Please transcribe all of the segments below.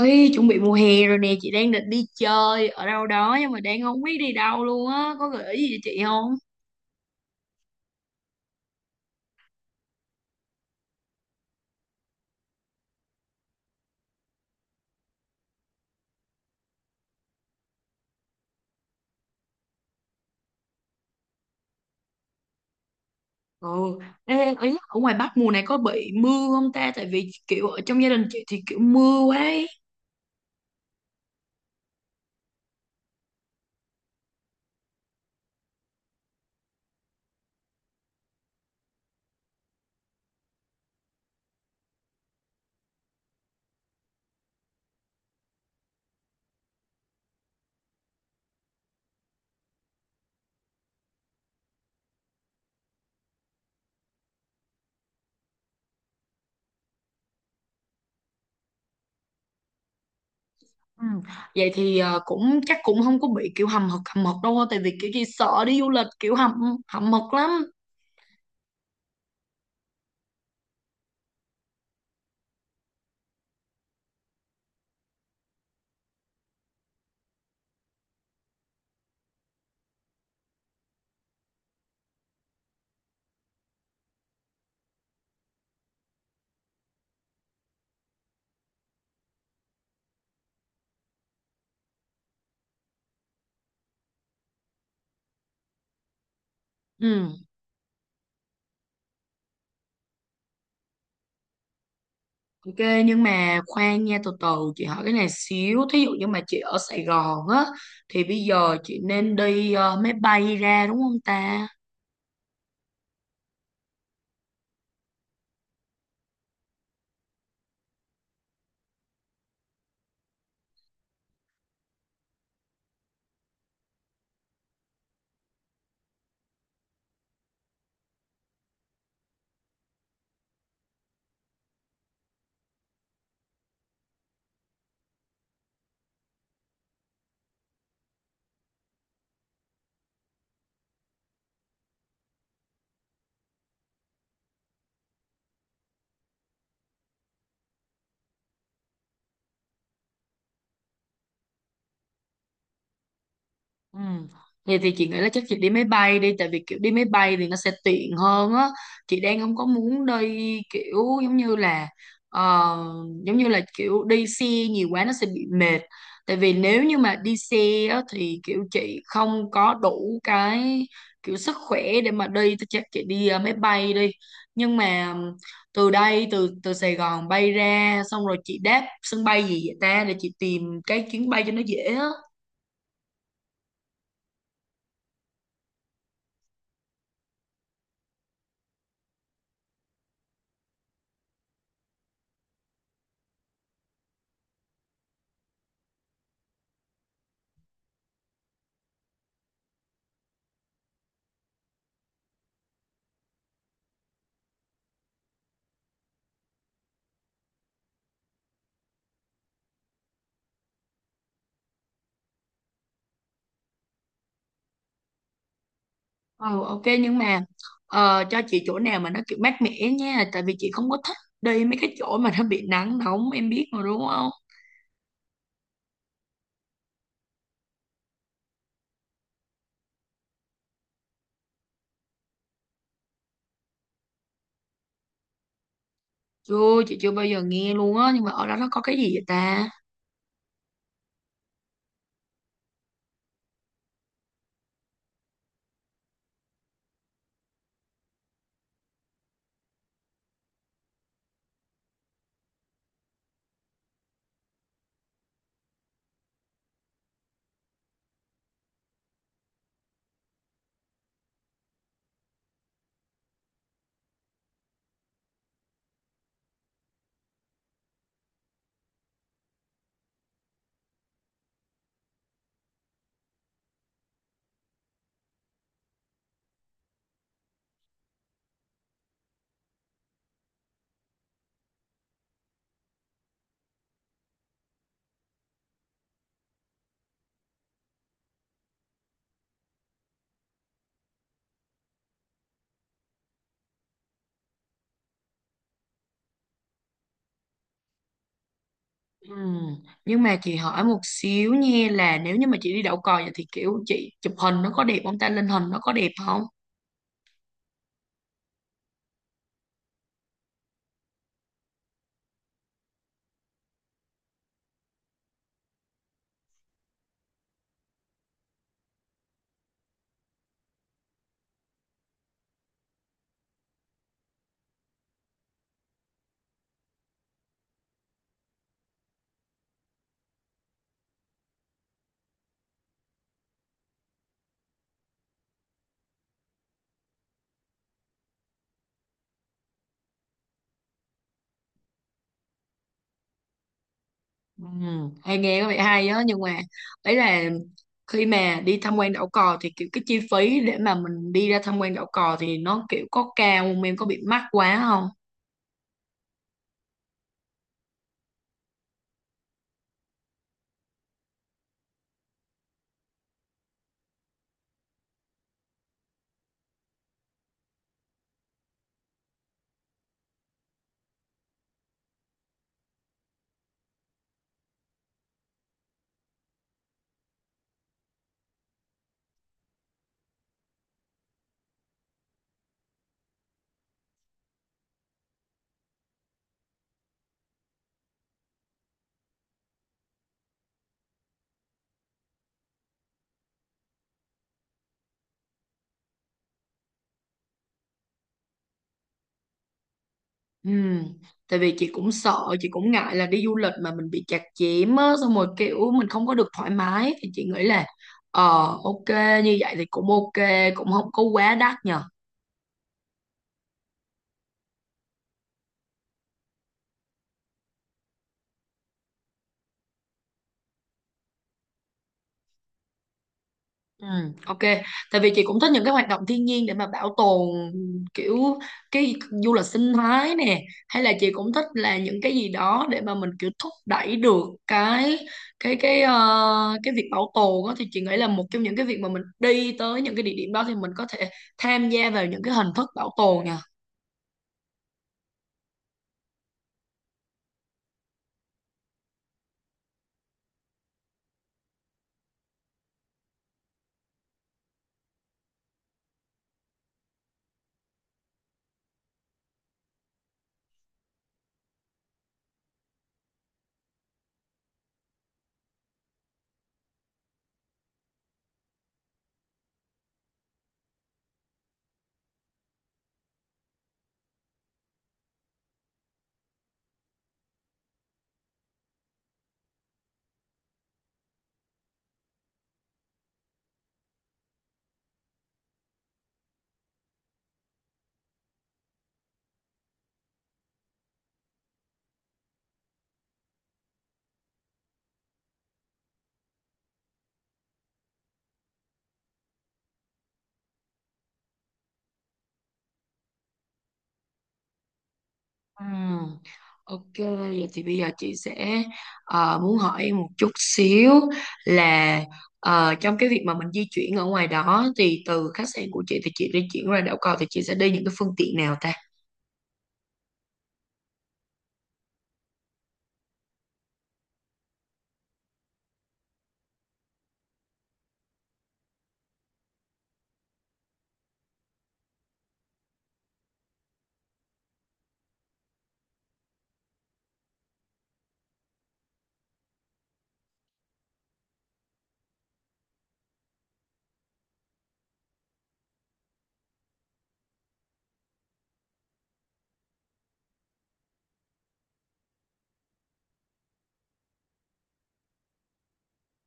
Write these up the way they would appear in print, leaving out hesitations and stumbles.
Ê, chuẩn bị mùa hè rồi nè, chị đang định đi chơi ở đâu đó nhưng mà đang không biết đi đâu luôn á, có gợi ý gì cho chị không? Ừ, ê, ý, là ở ngoài Bắc mùa này có bị mưa không ta? Tại vì kiểu ở trong gia đình chị thì kiểu mưa quá ấy. Ừ. Vậy thì cũng chắc cũng không có bị kiểu hầm hực đâu, tại vì kiểu chị sợ đi du lịch kiểu hầm hầm hực lắm. Ừ. Ok, nhưng mà khoan nha từ từ chị hỏi cái này xíu, thí dụ như mà chị ở Sài Gòn á thì bây giờ chị nên đi máy bay ra đúng không ta? Ừ. Vậy thì chị nghĩ là chắc chị đi máy bay đi, tại vì kiểu đi máy bay thì nó sẽ tiện hơn á, chị đang không có muốn đi kiểu giống như là ờ, giống như là kiểu đi xe nhiều quá nó sẽ bị mệt, tại vì nếu như mà đi xe á, thì kiểu chị không có đủ cái kiểu sức khỏe để mà đi thì chắc chị đi máy bay đi, nhưng mà từ đây từ từ Sài Gòn bay ra xong rồi chị đáp sân bay gì vậy ta, để chị tìm cái chuyến bay cho nó dễ á. Ừ, ok nhưng mà cho chị chỗ nào mà nó kiểu mát mẻ nha, tại vì chị không có thích đi mấy cái chỗ mà nó bị nắng nóng, em biết mà đúng không? Chưa, chị chưa bao giờ nghe luôn á, nhưng mà ở đó nó có cái gì vậy ta? Ừ. Nhưng mà chị hỏi một xíu nha, là nếu như mà chị đi đậu cò vậy thì kiểu chị chụp hình nó có đẹp không ta, lên hình nó có đẹp không? Ừ. Hay, nghe có vẻ hay á, nhưng mà ấy là khi mà đi tham quan đảo cò thì kiểu cái chi phí để mà mình đi ra tham quan đảo cò thì nó kiểu có cao không em, có bị mắc quá không? Ừ, tại vì chị cũng sợ, chị cũng ngại là đi du lịch mà mình bị chặt chém á, xong rồi kiểu mình không có được thoải mái thì chị nghĩ là ờ ok, như vậy thì cũng ok, cũng không có quá đắt nhờ. Ừ, ok. Tại vì chị cũng thích những cái hoạt động thiên nhiên để mà bảo tồn, kiểu cái du lịch sinh thái nè, hay là chị cũng thích là những cái gì đó để mà mình kiểu thúc đẩy được cái việc bảo tồn đó, thì chị nghĩ là một trong những cái việc mà mình đi tới những cái địa điểm đó thì mình có thể tham gia vào những cái hình thức bảo tồn nhỉ. Ừm, Ok, vậy thì bây giờ chị sẽ muốn hỏi em một chút xíu, là trong cái việc mà mình di chuyển ở ngoài đó thì từ khách sạn của chị thì chị di chuyển ra đảo cầu thì chị sẽ đi những cái phương tiện nào ta?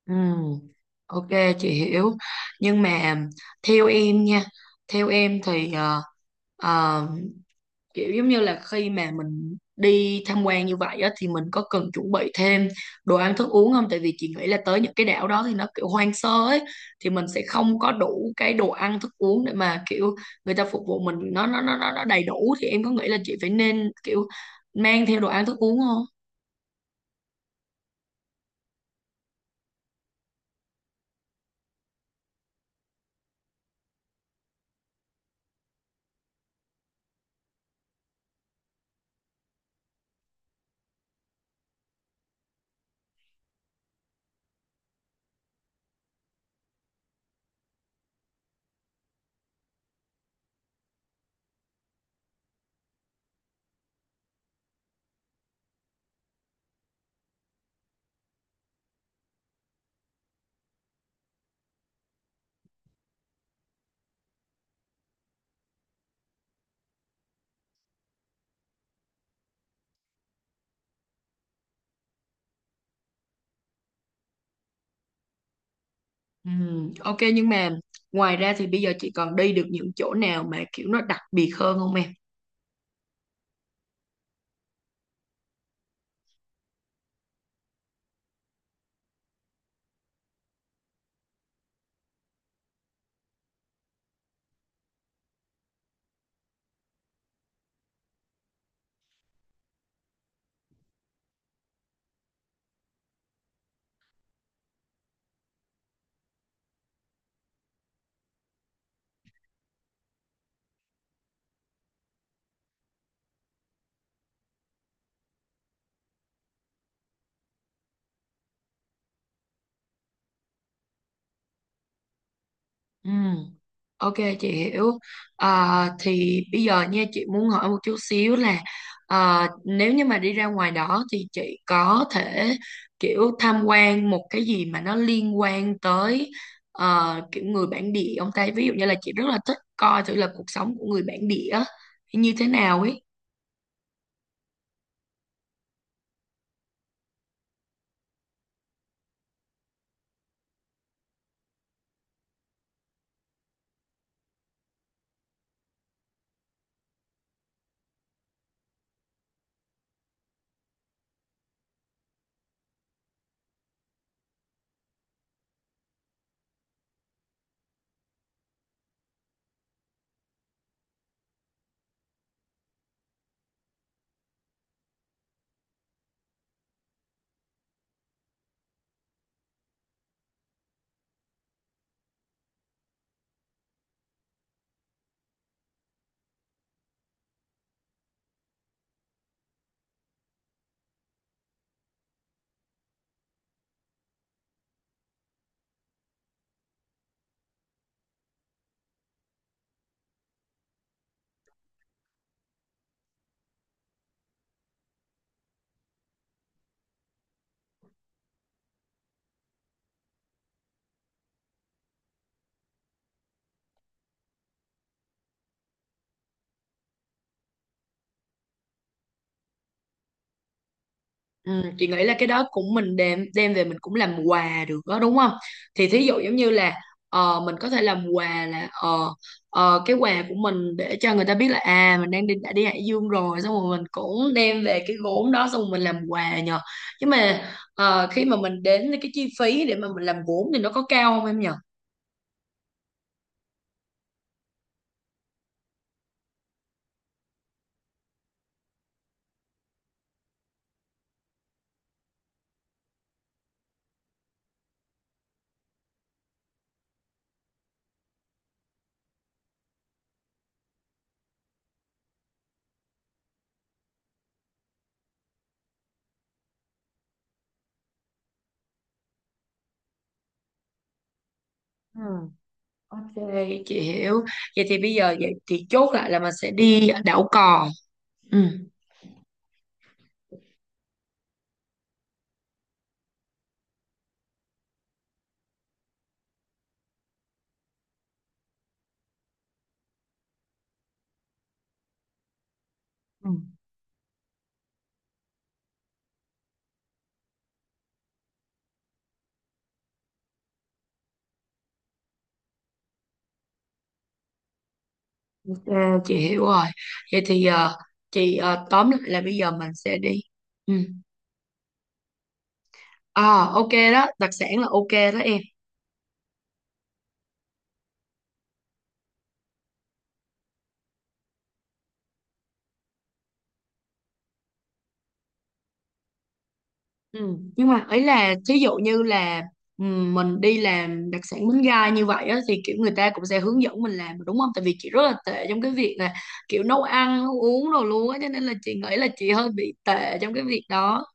Ừm, Ok, chị hiểu. Nhưng mà theo em nha, theo em thì ờ, kiểu giống như là khi mà mình đi tham quan như vậy á, thì mình có cần chuẩn bị thêm đồ ăn thức uống không? Tại vì chị nghĩ là tới những cái đảo đó thì nó kiểu hoang sơ ấy, thì mình sẽ không có đủ cái đồ ăn thức uống để mà kiểu người ta phục vụ mình nó đầy đủ, thì em có nghĩ là chị phải nên kiểu mang theo đồ ăn thức uống không? Ok, nhưng mà ngoài ra thì bây giờ chị còn đi được những chỗ nào mà kiểu nó đặc biệt hơn không em? Ừm. Ok, chị hiểu. À, thì bây giờ nha chị muốn hỏi một chút xíu, là à, nếu như mà đi ra ngoài đó thì chị có thể kiểu tham quan một cái gì mà nó liên quan tới kiểu người bản địa ông ta, ví dụ như là chị rất là thích coi thử là cuộc sống của người bản địa như thế nào ấy. Ừ, chị nghĩ là cái đó cũng mình đem đem về mình cũng làm quà được đó đúng không? Thì thí dụ giống như là mình có thể làm quà là cái quà của mình để cho người ta biết là à mình đang đi đã đi Hải Dương rồi, xong rồi mình cũng đem về cái gốm đó xong rồi mình làm quà nhờ. Nhưng mà khi mà mình đến, cái chi phí để mà mình làm gốm thì nó có cao không em nhờ? Ừ. Ok, chị hiểu. Vậy thì bây giờ vậy chị chốt lại là mình sẽ đi đảo cò. Ừ. Ừ. À, chị hiểu rồi. Vậy thì chị tóm lại là bây giờ mình sẽ đi. Ừ. À, ok đó, đặc sản là ok đó em. Ừ. Nhưng mà ấy là thí dụ như là mình đi làm đặc sản bánh gai như vậy á, thì kiểu người ta cũng sẽ hướng dẫn mình làm đúng không? Tại vì chị rất là tệ trong cái việc là kiểu nấu ăn, nấu uống đồ luôn á, cho nên là chị nghĩ là chị hơi bị tệ trong cái việc đó.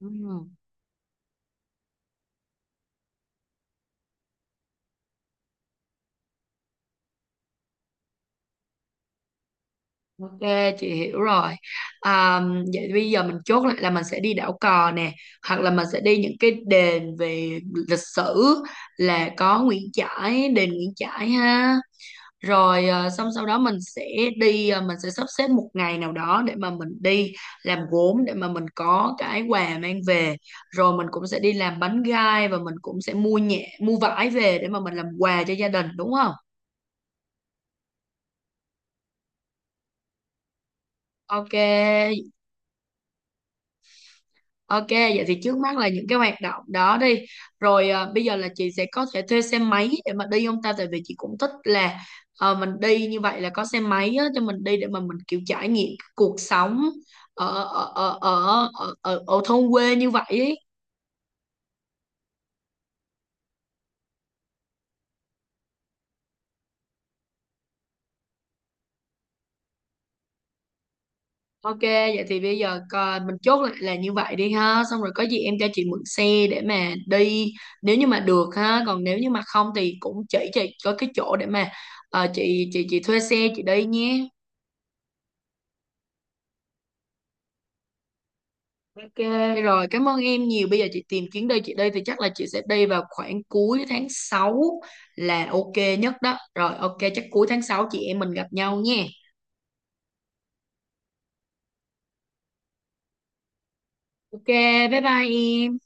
Ừ. Ok, chị hiểu rồi. À, vậy bây giờ mình chốt lại là mình sẽ đi đảo cò nè, hoặc là mình sẽ đi những cái đền về lịch sử, là có Nguyễn Trãi, đền Nguyễn Trãi ha, rồi à, xong sau đó mình sẽ đi, à, mình sẽ sắp xếp một ngày nào đó để mà mình đi làm gốm, để mà mình có cái quà mang về, rồi mình cũng sẽ đi làm bánh gai và mình cũng sẽ mua nhẹ mua vải về để mà mình làm quà cho gia đình đúng không? Ok. Ok, vậy thì trước mắt là những cái hoạt động đó đi. Rồi à, bây giờ là chị sẽ có thể thuê xe máy để mà đi không ta? Tại vì chị cũng thích là mình đi như vậy là có xe máy á, cho mình đi để mà mình kiểu trải nghiệm cái cuộc sống ở thôn quê như vậy ấy. Ok, vậy thì bây giờ coi, mình chốt lại là như vậy đi ha. Xong rồi có gì em cho chị mượn xe để mà đi nếu như mà được ha. Còn nếu như mà không thì cũng chỉ chị có cái chỗ để mà chị thuê xe chị đi nhé. Ok, rồi, cảm ơn em nhiều. Bây giờ chị tìm chuyến đi chị đi thì chắc là chị sẽ đi vào khoảng cuối tháng 6 là ok nhất đó. Rồi ok, chắc cuối tháng 6 chị em mình gặp nhau nha. Ok, bye bye em.